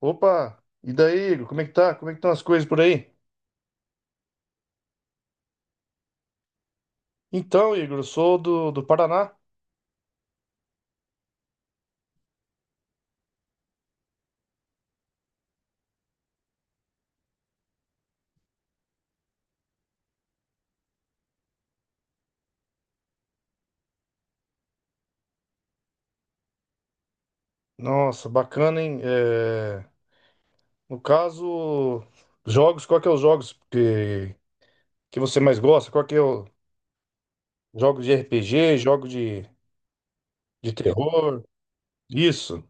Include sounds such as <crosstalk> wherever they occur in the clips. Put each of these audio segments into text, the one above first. Opa! E daí, Igor? Como é que tá? Como é que estão as coisas por aí? Então, Igor, eu sou do Paraná. Nossa, bacana, hein? No caso, jogos, qual que é os jogos que você mais gosta? Qual que é o... Jogos de RPG, jogo de terror? Isso.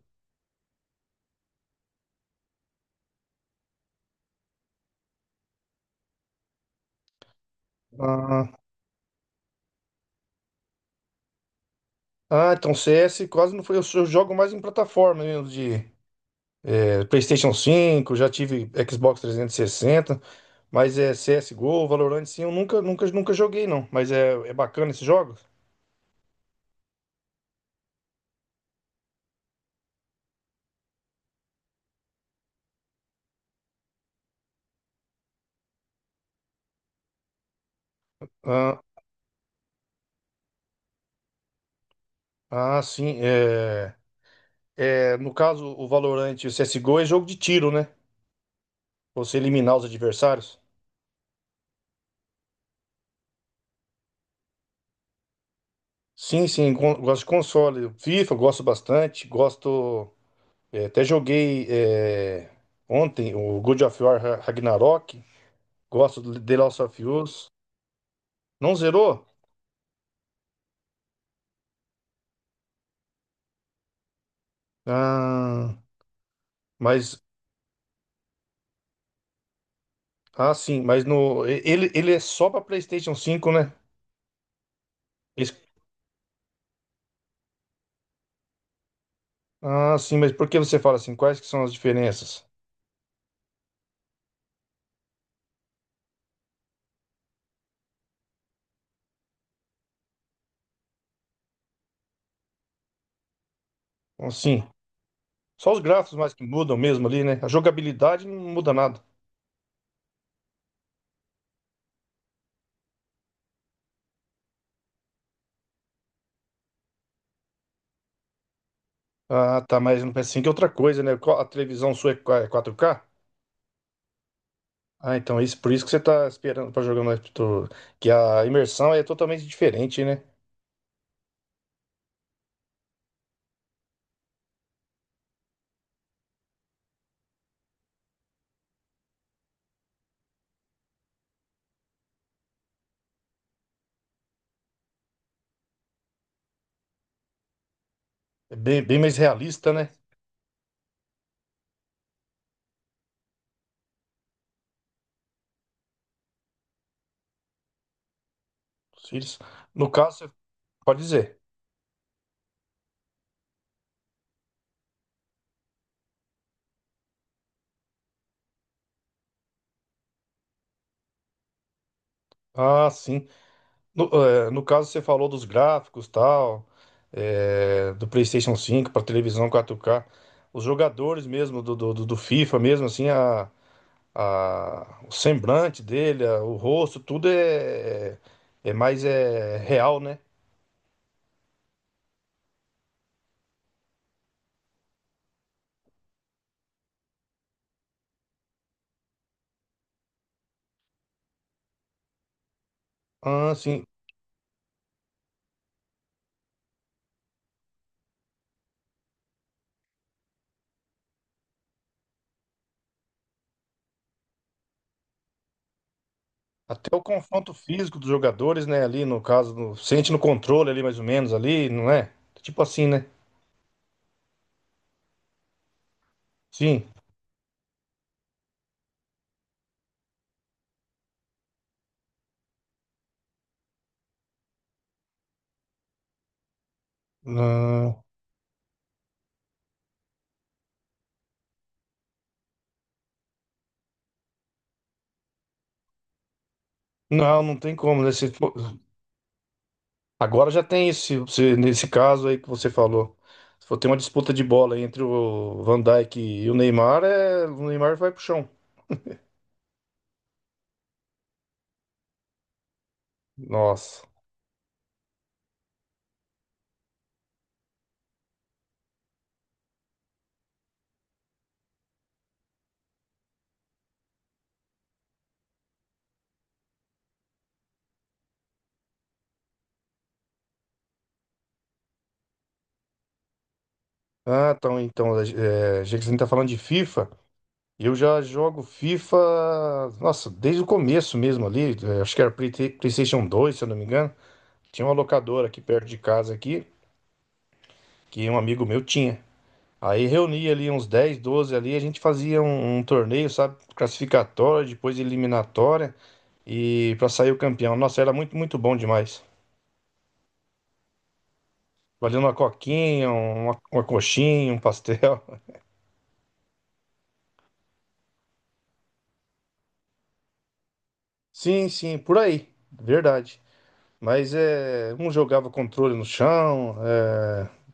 Ah, ah, então CS quase não foi. Só jogo mais em plataforma mesmo, de PlayStation 5. Já tive Xbox 360. Mas é CSGO, Valorant, sim, eu nunca, nunca, nunca joguei, não. Mas é bacana esses jogos? Ah, ah, sim. No caso, o Valorant e o CSGO é jogo de tiro, né? Você eliminar os adversários. Sim, sim, gosto de console. FIFA, gosto bastante. Gosto. Até joguei é, ontem o God of War Ragnarok. Gosto do The Last of Us. Não zerou? Ah, mas. Ah, sim, mas no. e- ele é só pra PlayStation 5, né? Esse Ah, sim, mas por que você fala assim? Quais que são as diferenças? Assim, só os gráficos mais que mudam mesmo ali, né? A jogabilidade não muda nada. Ah, tá, mas não pensei que é outra coisa, né? A televisão sua é é 4K? Ah, então isso, por isso que você tá esperando pra jogar mais que a imersão é totalmente diferente, né? É bem, bem mais realista, né? Os filhos. No caso, você pode dizer. Ah, sim. No, no caso, você falou dos gráficos tal, do PlayStation 5 para televisão 4K. Os jogadores mesmo do FIFA mesmo, assim, o semblante dele, o rosto, tudo é mais real, né? Ah, assim, até o confronto físico dos jogadores, né? Ali no caso, sente no controle ali mais ou menos ali, não é? Tipo assim, né? Sim. não não tem como, né? Agora já tem isso, se você- nesse caso aí que você falou. Se for ter uma disputa de bola entre o Van Dijk e o Neymar, é, o Neymar vai pro chão. Nossa. É, já que você tá falando de FIFA, eu já jogo FIFA, nossa, desde o começo mesmo ali, é, acho que era PlayStation 2 se eu não me engano. Tinha uma locadora aqui perto de casa aqui, que um amigo meu tinha. Aí reunia ali uns 10 12 ali, a gente fazia um torneio, sabe? Classificatório, depois eliminatória e pra sair o campeão. Nossa, era muito, muito bom demais. Valendo uma coquinha, uma coxinha, um pastel. <laughs> Sim, sim, por aí, verdade. Mas é, um jogava controle no chão,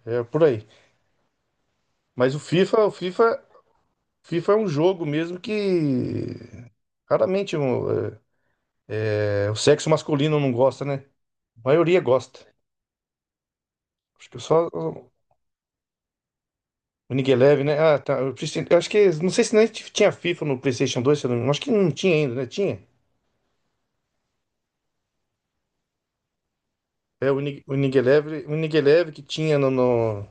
é por aí. Mas o FIFA, FIFA é um jogo mesmo que raramente o sexo masculino não gosta, né? A maioria gosta. Acho que só o League 11, né? Ah, tá. Eu acho que. Não sei se nem tinha FIFA no PlayStation 2 se eu não... acho que não tinha ainda, né? Tinha. É o o League 11, o League 11 que tinha no.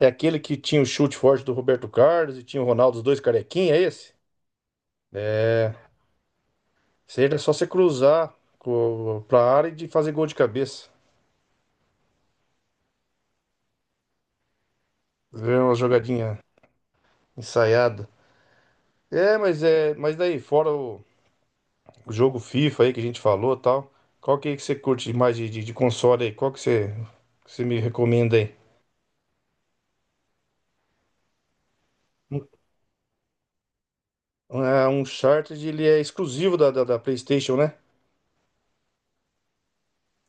É aquele que tinha o chute forte do Roberto Carlos e tinha o Ronaldo, os dois carequinha, é esse? Isso aí era só você cruzar pra área e de fazer gol de cabeça. É uma jogadinha ensaiada. É. Mas daí, fora o jogo FIFA aí que a gente falou e tal, é que você curte mais de console aí? Qual que que você me recomenda aí? É, um Uncharted, ele é exclusivo da PlayStation, né?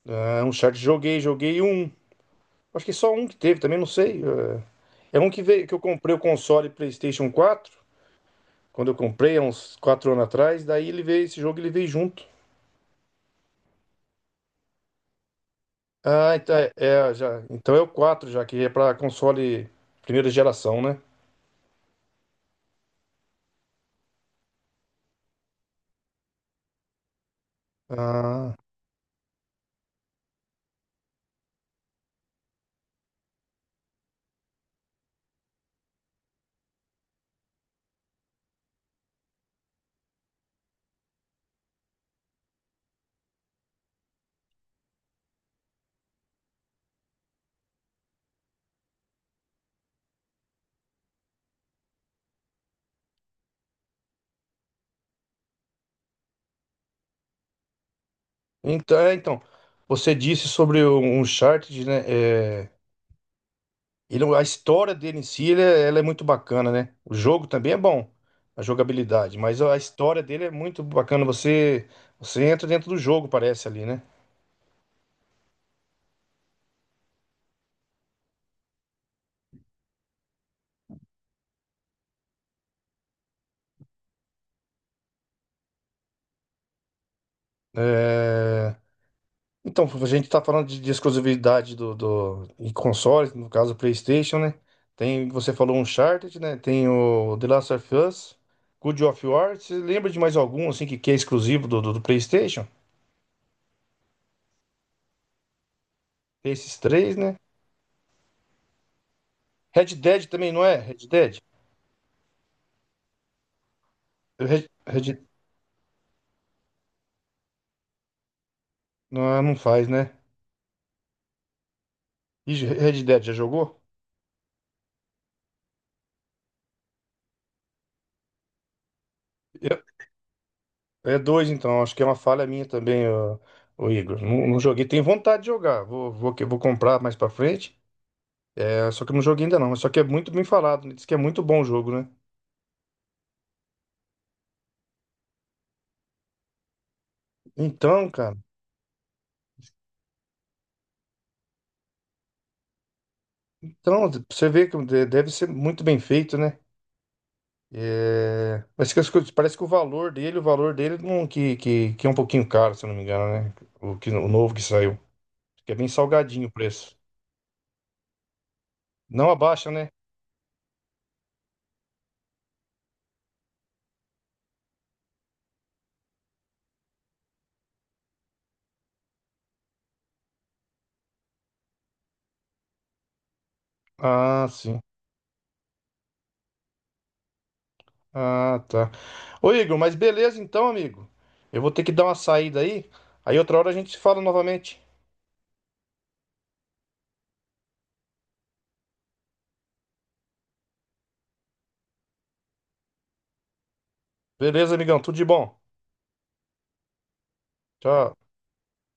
É, um Uncharted, joguei, joguei um. Acho que só um que teve, também não sei. É um que veio, que eu comprei o console PlayStation 4 quando eu comprei, há uns 4 anos atrás. Daí ele veio, esse jogo ele veio junto. Ah, então então é o 4 já, que é para console primeira geração, né? Ah, então, é, então, você disse sobre o Uncharted, né? É, a história dele em si, ela é muito bacana, né? O jogo também é bom, a jogabilidade, mas a história dele é muito bacana. Você entra dentro do jogo, parece ali, né? É, então, a gente tá falando de exclusividade do em consoles, no caso, PlayStation, né? Tem, você falou Uncharted, né? Tem o The Last of Us, God of War. Você lembra de mais algum, assim, que é exclusivo do PlayStation? Tem esses 3, né? Red Dead também, não é? Red Dead? Red, Red- Não, não faz, né? E Red Dead já jogou? Eu- É 2, então. Acho que é uma falha minha também, ô Igor. Não, não joguei. Tenho vontade de jogar. Vou comprar mais pra frente. É, só que eu não joguei ainda não. Só que é muito bem falado. Né? Diz que é muito bom o jogo, né? Então, cara. Então, você vê que deve ser muito bem feito, né? É, mas que parece que o valor dele não, que é um pouquinho caro, se eu não me engano, né? O novo que saiu. Que é bem salgadinho o preço. Não abaixa, né? Ah, sim. Ah, tá. Ô Igor, mas beleza então, amigo. Eu vou ter que dar uma saída aí. Aí outra hora a gente se fala novamente. Beleza, amigão? Tudo de bom. Tchau.